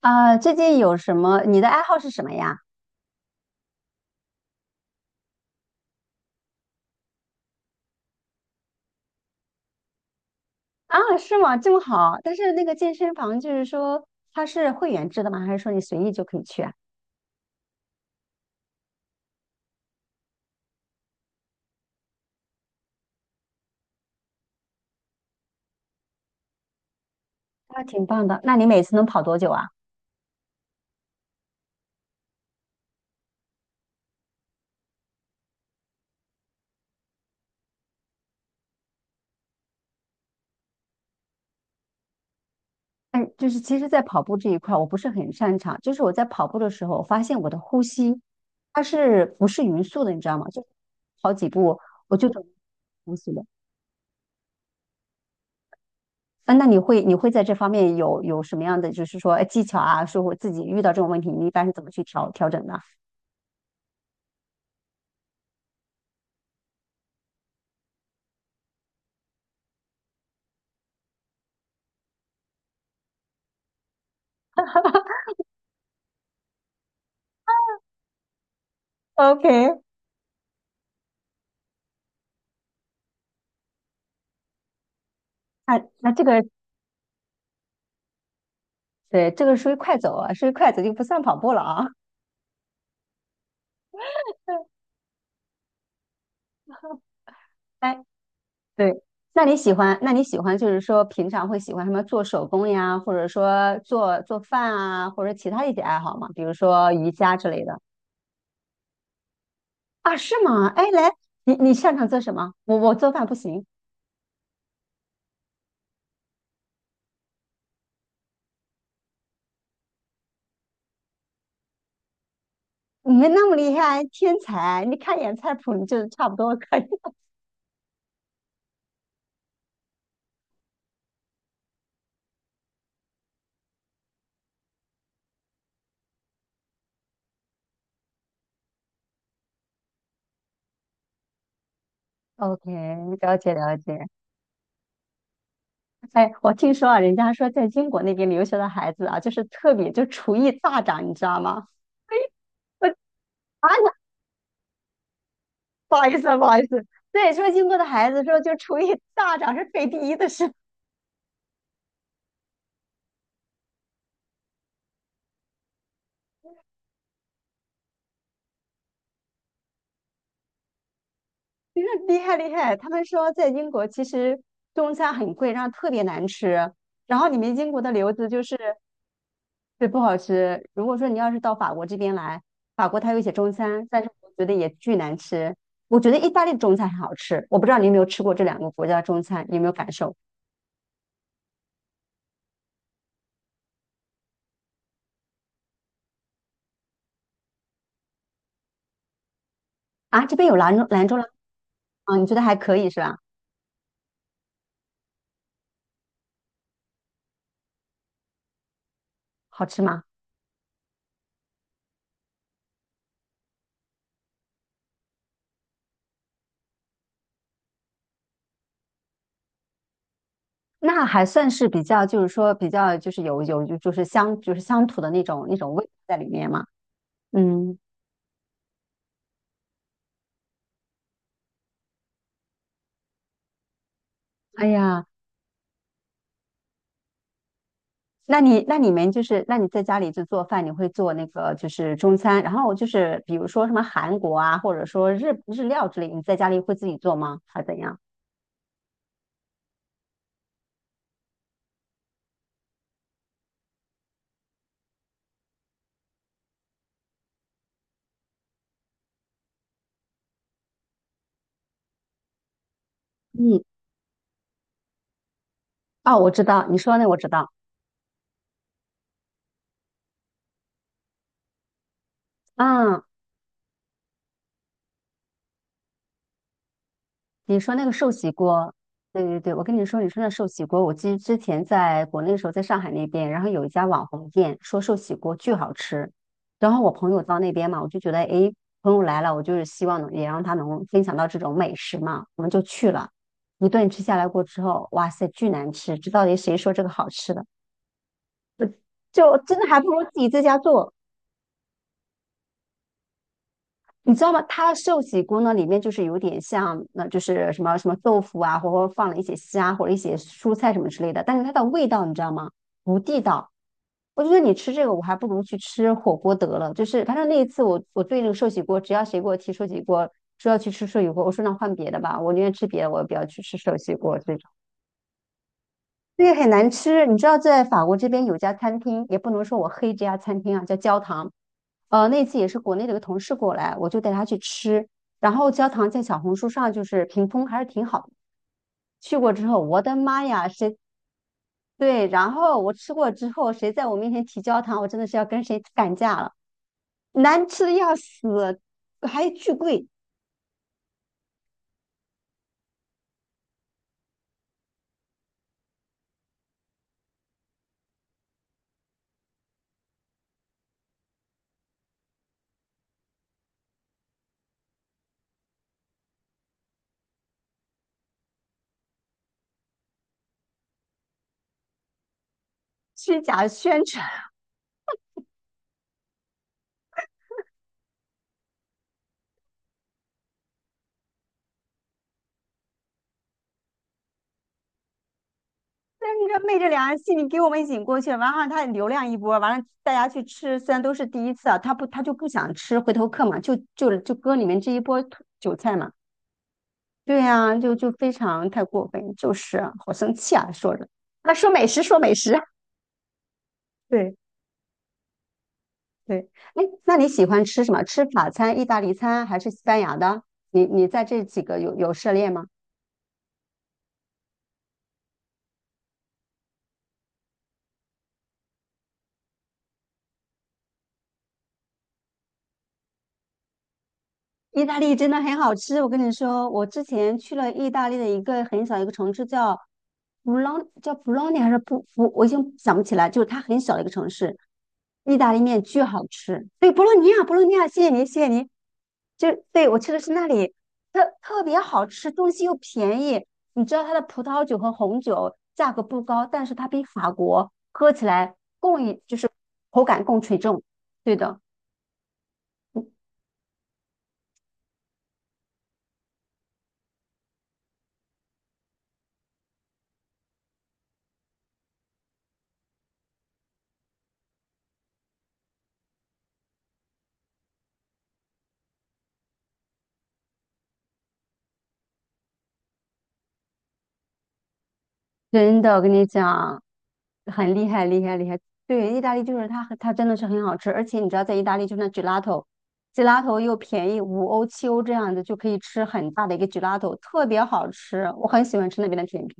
啊，最近有什么？你的爱好是什么呀？啊，是吗？这么好，但是那个健身房就是说它是会员制的吗？还是说你随意就可以去啊？那挺棒的。那你每次能跑多久啊？哎，就是其实，在跑步这一块我不是很擅长，就是我在跑步的时候，我发现我的呼吸它是不是匀速的，你知道吗？就跑几步我就整呼吸了。啊，那你会在这方面有什么样的，就是说哎技巧啊，说我自己遇到这种问题，你一般是怎么去调整的？OK，那这个对，这个属于快走啊，属于快走就不算跑步了啊。哎，对，那你喜欢就是说平常会喜欢什么做手工呀，或者说做做饭啊，或者其他一些爱好吗？比如说瑜伽之类的啊，是吗？哎，来，你擅长做什么？我做饭不行。你们那么厉害，天才！你看一眼菜谱，你就差不多可以。OK，了解了解。哎，我听说啊，人家说在英国那边留学的孩子啊，就是特别就厨艺大涨，你知道吗？我啊，不好意思啊，不好意思，对，说英国的孩子说就厨艺大涨是排第一的事，你说厉害厉害。他们说在英国其实中餐很贵，然后特别难吃，然后你们英国的留子就是。对，不好吃。如果说你要是到法国这边来，法国它有一些中餐，但是我觉得也巨难吃。我觉得意大利的中餐很好吃，我不知道你有没有吃过这两个国家的中餐，你有没有感受啊？这边有兰州拉啊，你觉得还可以是吧？好吃吗？那还算是比较，就是说比较就是有就是乡土的那种味道在里面嘛。嗯，哎呀。那你们就是那你在家里就做饭，你会做那个就是中餐，然后就是比如说什么韩国啊，或者说日料之类，你在家里会自己做吗？还是怎样？嗯，哦，我知道，你说那我知道，嗯，你说那个寿喜锅，对对对，我跟你说，你说那寿喜锅，我记之前在国内的时候，在上海那边，然后有一家网红店说寿喜锅巨好吃，然后我朋友到那边嘛，我就觉得，诶，朋友来了，我就是希望能也让他能分享到这种美食嘛，我们就去了，一顿吃下来过之后，哇塞，巨难吃，这到底谁说这个好吃的？就真的还不如自己在家做。你知道吗？它的寿喜锅呢，里面就是有点像，那、就是什么什么豆腐啊，或者放了一些虾或者一些蔬菜什么之类的，但是它的味道你知道吗？不地道。我觉得你吃这个，我还不如去吃火锅得了。就是反正那一次我，我对那个寿喜锅，只要谁给我提寿喜锅，说要去吃寿喜锅，我说那换别的吧，我宁愿吃别的，我也不要去吃寿喜锅这种。个很难吃。你知道，在法国这边有一家餐厅，也不能说我黑这家餐厅啊，叫焦糖。那次也是国内的一个同事过来，我就带他去吃。然后焦糖在小红书上就是评分还是挺好的。去过之后，我的妈呀，谁对？然后我吃过之后，谁在我面前提焦糖，我真的是要跟谁干架了，难吃的要死，还巨贵，虚假宣传。但是你知道昧着良心，戏你给我们引过去了完了他流量一波，完了大家去吃，虽然都是第一次啊，他就不想吃回头客嘛，就割你们这一波韭菜嘛。对呀、啊就非常太过分，就是啊好生气啊，说着。那说美食，说美食。对对，哎，那你喜欢吃什么？吃法餐、意大利餐还是西班牙的？你在这几个有涉猎吗？意大利真的很好吃，我跟你说，我之前去了意大利的一个很小一个城市叫布朗，叫布朗尼还是布布，我已经想不起来，就是它很小的一个城市，意大利面巨好吃。对，博洛尼亚，博洛尼亚，谢谢您，谢谢您。就对我去的是那里，特别好吃，东西又便宜。你知道它的葡萄酒和红酒价格不高，但是它比法国喝起来更就是口感更纯正。对的，真的，我跟你讲。很厉害，厉害，厉害！对，意大利就是它很，它真的是很好吃，而且你知道，在意大利就是那 gelato，gelato 又便宜，5欧7欧这样子就可以吃很大的一个 gelato，特别好吃，我很喜欢吃那边的甜品。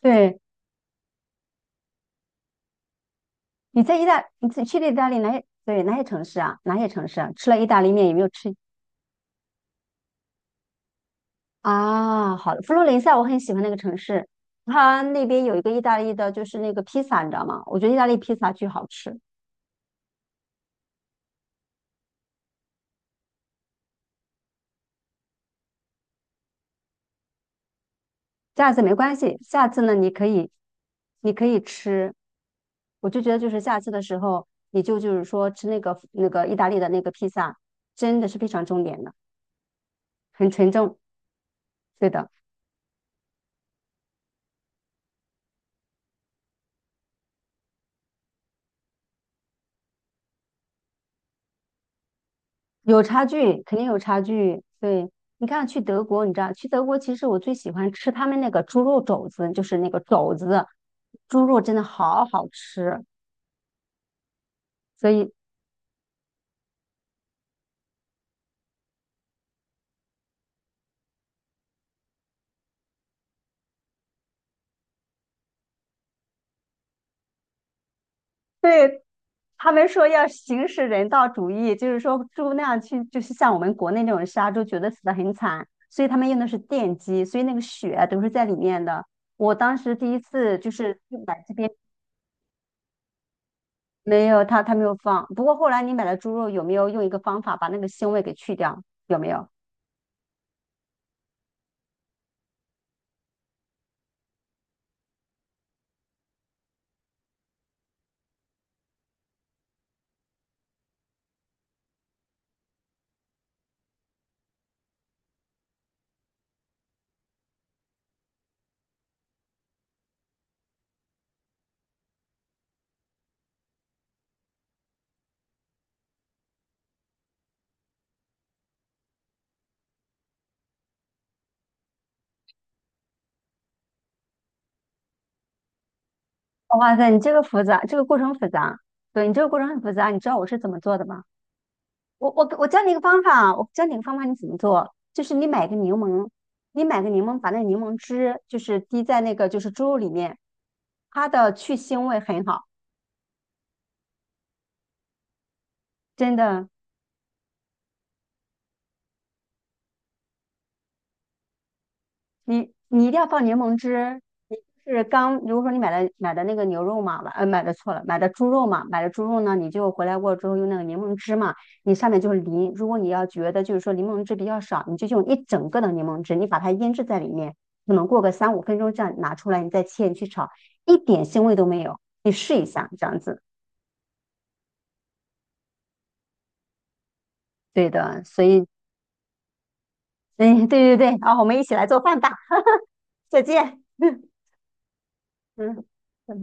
对，你在意大，你自己去了意大利哪些？对，哪些城市啊？哪些城市啊？吃了意大利面有没有吃啊？好的，佛罗伦萨我很喜欢那个城市，它那边有一个意大利的，就是那个披萨，你知道吗？我觉得意大利披萨巨好吃。下次没关系，下次呢你可以，你可以吃。我就觉得就是下次的时候，你就就是说吃那个那个意大利的那个披萨，真的是非常重点的，很纯正。对的，有差距，肯定有差距。对，你看去德国，你知道去德国，其实我最喜欢吃他们那个猪肉肘子，就是那个肘子，猪肉真的好好吃。所以对，他们说要行使人道主义，就是说猪那样去，就是像我们国内那种杀猪，觉得死的很惨，所以他们用的是电击，所以那个血啊都是在里面的。我当时第一次就是买这边没有，他没有放。不过后来你买的猪肉有没有用一个方法把那个腥味给去掉？有没有？哇塞，你这个复杂，这个过程复杂。对，你这个过程很复杂，你知道我是怎么做的吗？我教你一个方法，我教你一个方法，你怎么做？就是你买个柠檬，你买个柠檬，把那柠檬汁就是滴在那个就是猪肉里面，它的去腥味很好，真的。你一定要放柠檬汁。你就是刚，如果说你买的那个牛肉嘛，买的错了，买的猪肉嘛，买的猪肉呢，你就回来过之后用那个柠檬汁嘛，你上面就是淋。如果你要觉得就是说柠檬汁比较少，你就用一整个的柠檬汁，你把它腌制在里面，可能过个3-5分钟这样拿出来，你再切你去炒，一点腥味都没有。你试一下这样子，对的。所以，嗯，对对对，啊，我们一起来做饭吧，再见。嗯嗯。